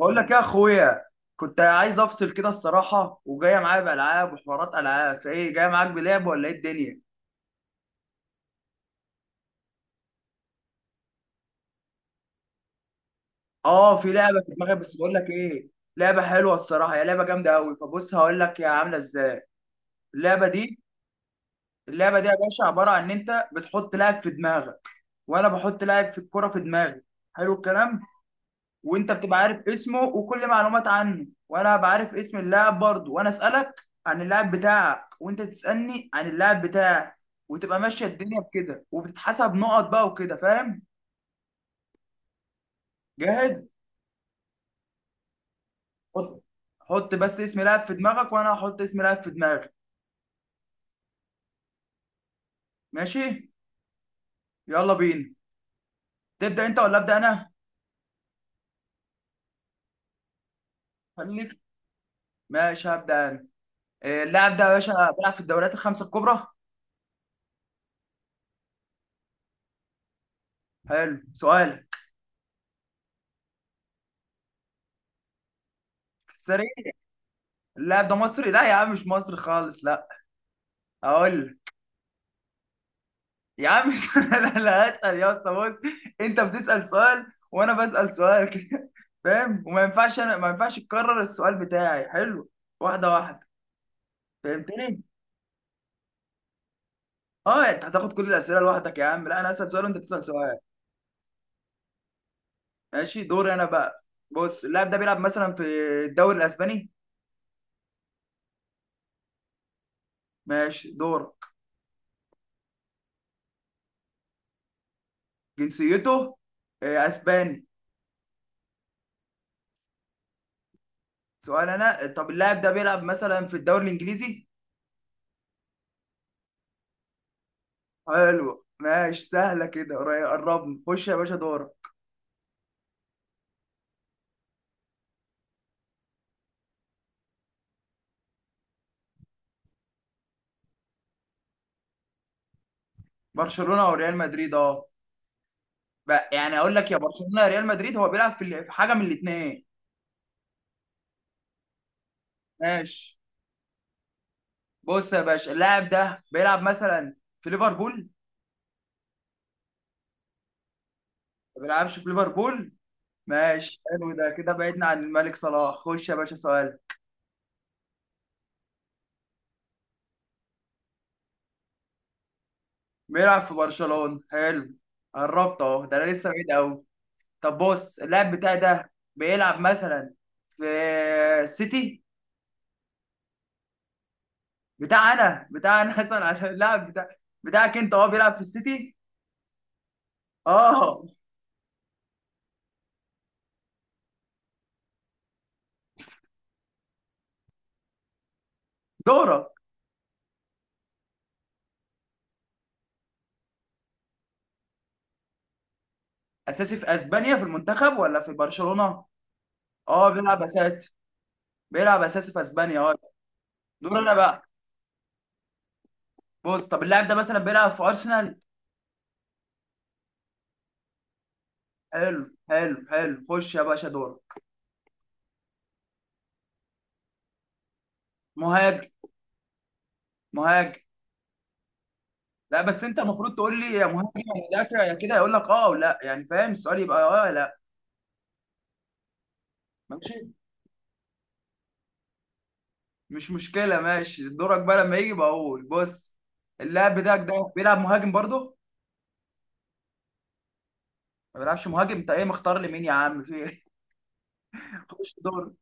بقول لك يا اخويا، كنت عايز افصل كده الصراحه وجايه معايا بالعاب وحوارات العاب، فايه جايه معاك بلعب ولا ايه الدنيا؟ اه، في لعبه في دماغي بس بقول لك ايه. لعبه حلوه الصراحه، هي لعبه جامده قوي. فبص هقول لك هي عامله ازاي اللعبه دي. اللعبه دي يا باشا عباره عن ان انت بتحط لاعب في دماغك، وانا بحط لاعب في الكره في دماغي. حلو الكلام. وانت بتبقى عارف اسمه وكل معلومات عنه، وانا بعرف اسم اللاعب برضه، وانا اسالك عن اللاعب بتاعك وانت تسالني عن اللاعب بتاعك، وتبقى ماشيه الدنيا بكده، وبتتحسب نقط بقى وكده، فاهم؟ جاهز. حط حط بس اسم لاعب في دماغك وانا هحط اسم لاعب في دماغي. ماشي، يلا بينا. تبدا انت ولا ابدا انا؟ خليك، ماشي هبدا انا. اللاعب ده يا باشا بيلعب في الدوريات الخمسه الكبرى. حلو سؤال السريع. اللاعب ده مصري؟ لا يا عم، مش مصري خالص لا. اقول لك. يا عم مش انا اللي هسأل يا اسطى، بص، انت بتسأل سؤال وانا بسأل سؤال كده، فاهم؟ وما ينفعش انا ما ينفعش تكرر السؤال بتاعي، حلو؟ واحدة واحدة. فهمتني؟ اه انت هتاخد كل الأسئلة لوحدك يا عم؟ لا، انا هسأل سؤال وانت تسأل سؤال. ماشي دوري انا بقى. بص اللاعب ده بيلعب مثلا في الدوري الأسباني. ماشي دورك. جنسيته أسباني. سؤال انا، طب اللاعب ده بيلعب مثلا في الدوري الإنجليزي؟ حلو ماشي، سهلة كده، قربنا، خش يا باشا دورك. برشلونه وريال مدريد اه. بقى يعني اقول لك يا برشلونه يا ريال مدريد، هو بيلعب في في حاجه من الاثنين. ماشي، بص يا باشا اللاعب ده بيلعب مثلا في ليفربول. ما بيلعبش في ليفربول، ماشي حلو، ده كده بعدنا عن الملك صلاح، خش يا باشا سؤال. بيلعب في برشلونه، حلو، قربت اهو، ده انا لسه بعيد قوي. طب بص اللاعب بتاعي ده بيلعب مثلا في السيتي. بتاع انا، بتاع انا مثلا عشان اللاعب بتاعك انت هو بيلعب في السيتي؟ اه. دورك. اساسي في اسبانيا؟ في المنتخب ولا في برشلونة؟ اه بيلعب اساسي. بيلعب اساسي في اسبانيا اه. دور انا بقى. بص طب اللاعب ده مثلا بيلعب في ارسنال. حلو حلو حلو، خش يا باشا دور. مهاجم. مهاجم. لا بس انت المفروض تقول لي يا مهاجم يا مدافع يا كده، يقول لك اه ولا، يعني فاهم السؤال يبقى اه لا. ماشي مش مشكلة، ماشي دورك بقى لما يجي بقول بص، اللاعب بتاعك ده بيلعب مهاجم برضه؟ ما بيلعبش مهاجم، انت ايه مختار لي مين يا عم، في ايه خش دور.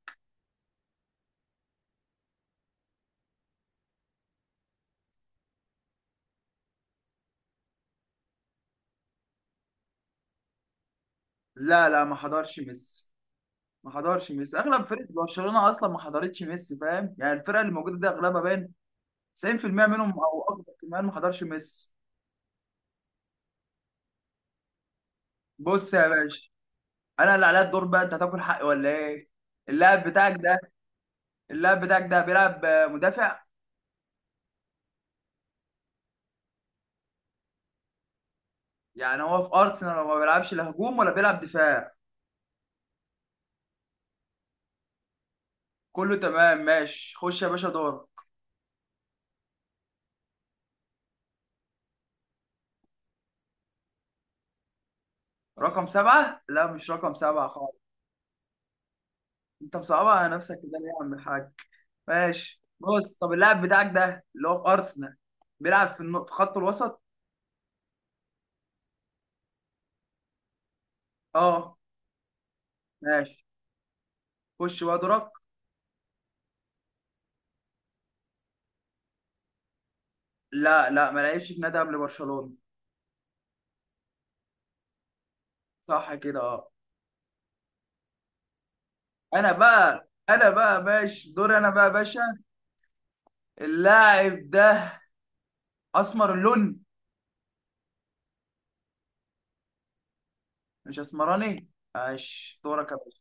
لا لا، ما حضرش ميسي، ما حضرش ميسي، اغلب فرقه برشلونه اصلا ما حضرتش ميسي، فاهم؟ يعني الفرقه اللي موجوده دي اغلبها باين 90% منهم او اكتر، كمان ما حضرش ميسي. بص يا باشا انا اللي عليا الدور بقى، انت هتاكل حقي ولا ايه؟ اللاعب بتاعك ده، اللاعب بتاعك ده بيلعب مدافع؟ يعني هو في ارسنال ما بيلعبش لا هجوم ولا بيلعب دفاع؟ كله تمام، ماشي خش يا باشا دور. رقم سبعة؟ لا مش رقم سبعة خالص، انت مصعبها على نفسك كده ليه يا عم الحاج؟ ماشي بص طب اللاعب بتاعك ده اللي هو في ارسنال بيلعب في في خط الوسط؟ اه. ماشي، خش بقى دورك. لا لا، ما لعبش في نادي قبل برشلونة. صح كده اه. انا بقى، انا بقى، ماشي دوري انا بقى يا باشا. اللاعب ده اسمر اللون؟ مش اسمراني، ماشي دورك يا باشا.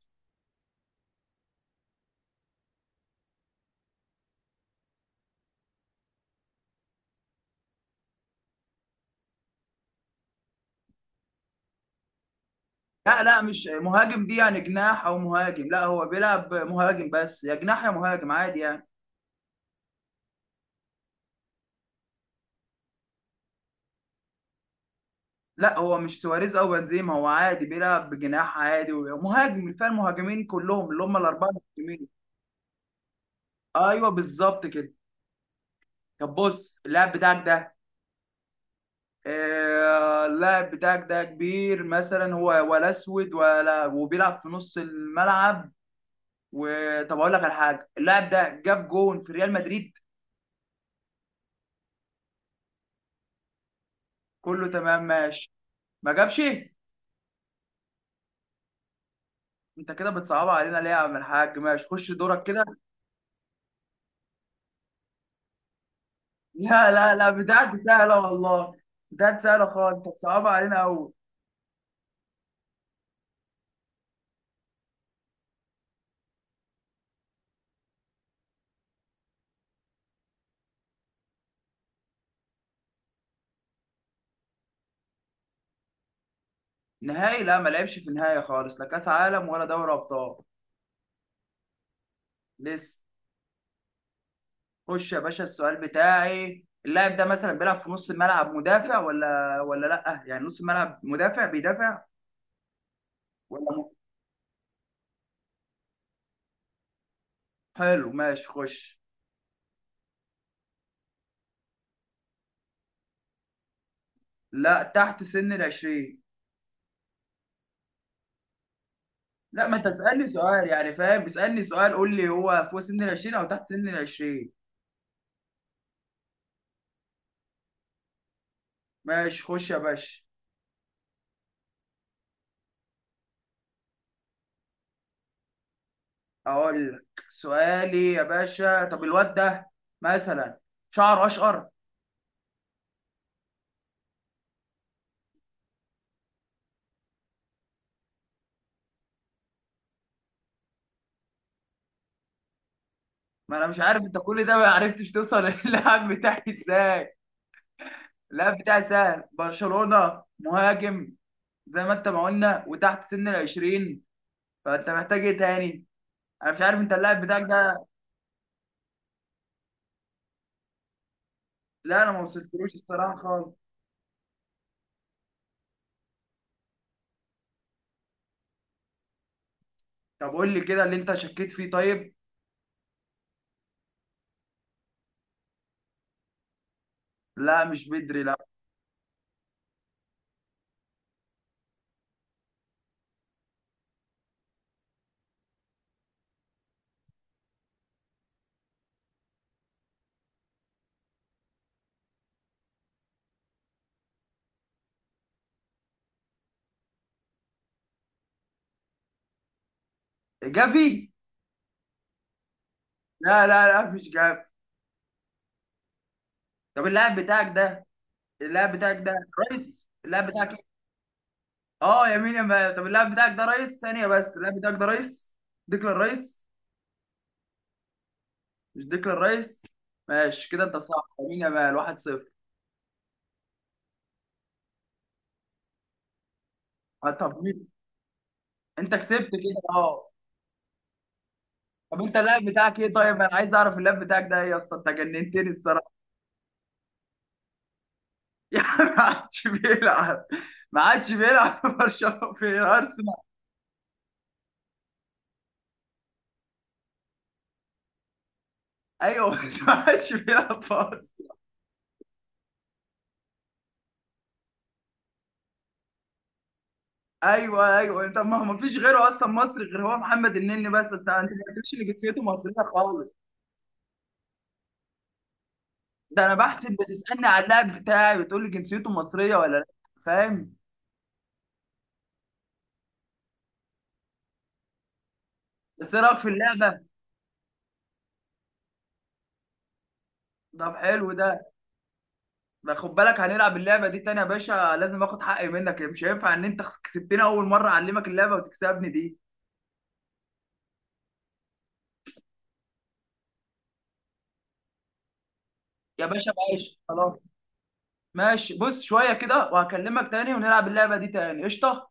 لا لا مش مهاجم دي، يعني جناح او مهاجم؟ لا هو بيلعب مهاجم بس، يا جناح يا مهاجم عادي يعني. لا هو مش سواريز او بنزيما، هو عادي بيلعب بجناح عادي ومهاجم، الفئة المهاجمين كلهم اللي هم الاربعه. المهاجمين ايوه بالظبط كده. طب بص اللاعب بتاعك ده، اللاعب بتاعك ده كبير مثلا هو ولا اسود، ولا وبيلعب في نص الملعب؟ وطب اقول لك على حاجه، اللاعب ده جاب جون في ريال مدريد؟ كله تمام ماشي. ما جابش؟ انت كده بتصعبها علينا ليه يا عم الحاج؟ ماشي خش دورك كده. لا لا لا، بتاعتي سهله والله، بتاعتي سهله خالص، انت بتصعبها علينا قوي. نهائي؟ لا ما لعبش في النهائي خالص، لا كاس عالم ولا دوري ابطال. لسه. خش يا باشا السؤال بتاعي، اللاعب ده مثلا بيلعب في نص الملعب مدافع، ولا ولا لا يعني نص الملعب مدافع بيدافع ولا حلو ماشي خش. لا، تحت سن العشرين. لا ما انت تسألني سؤال، يعني فاهم؟ بتسألني سؤال قول لي هو فوق سن العشرين او تحت سن العشرين. ماشي خش يا باشا. اقول لك سؤالي يا باشا، طب الواد ده مثلا شعره اشقر؟ ما انا مش عارف انت، كل ده ما عرفتش توصل للاعب بتاعي ازاي؟ اللاعب بتاعي سهل، برشلونة، مهاجم، زي ما انت ما قلنا، وتحت سن العشرين، فانت محتاج ايه تاني؟ انا مش عارف انت اللاعب بتاعك ده. لا انا ما وصلتلوش الصراحة خالص. طب قول لي كده اللي انت شكيت فيه طيب. لا مش بدري لا. جافي؟ لا لا لا مش جافي. طب اللاعب بتاعك ده، اللاعب بتاعك ده رئيس، اللاعب بتاعك ايه؟ اه يمين يا ما، طب اللاعب بتاعك ده رئيس، ثانية بس، اللاعب بتاعك ده رئيس ديكلان رئيس؟ مش ديكلان رئيس؟ ماشي كده، انت صح، يمين يا مال، 1-0. طب انت كسبت كده اه. طب انت اللاعب بتاعك ايه طيب؟ انا عايز اعرف اللاعب بتاعك ده ايه يا اسطى، انت جننتني الصراحه. يعني ما عادش بيلعب، ما عادش بيلعب في برشلونه في ارسنال. ايوه بس ما عادش بيلعب في ارسنال. ايوه ايوه انت، ما هو ما فيش غيره اصلا مصري غير هو، محمد النني بس بس، انت ما قلتليش ان جنسيته مصريه خالص. ده انا بحسب بتسالني على اللاعب بتاعي وتقول لي جنسيته مصريه ولا لا، فاهم؟ بس ايه رايك في اللعبه؟ طب حلو ده، ما خد بالك هنلعب اللعبه دي تاني يا باشا، لازم اخد حقي منك، مش هينفع ان انت كسبتني اول مره اعلمك اللعبه وتكسبني دي. يا باشا ماشي خلاص، ماشي بص شويه كده وهكلمك تاني ونلعب اللعبه دي تاني قشطه.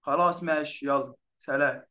خلاص ماشي يلا، سلام.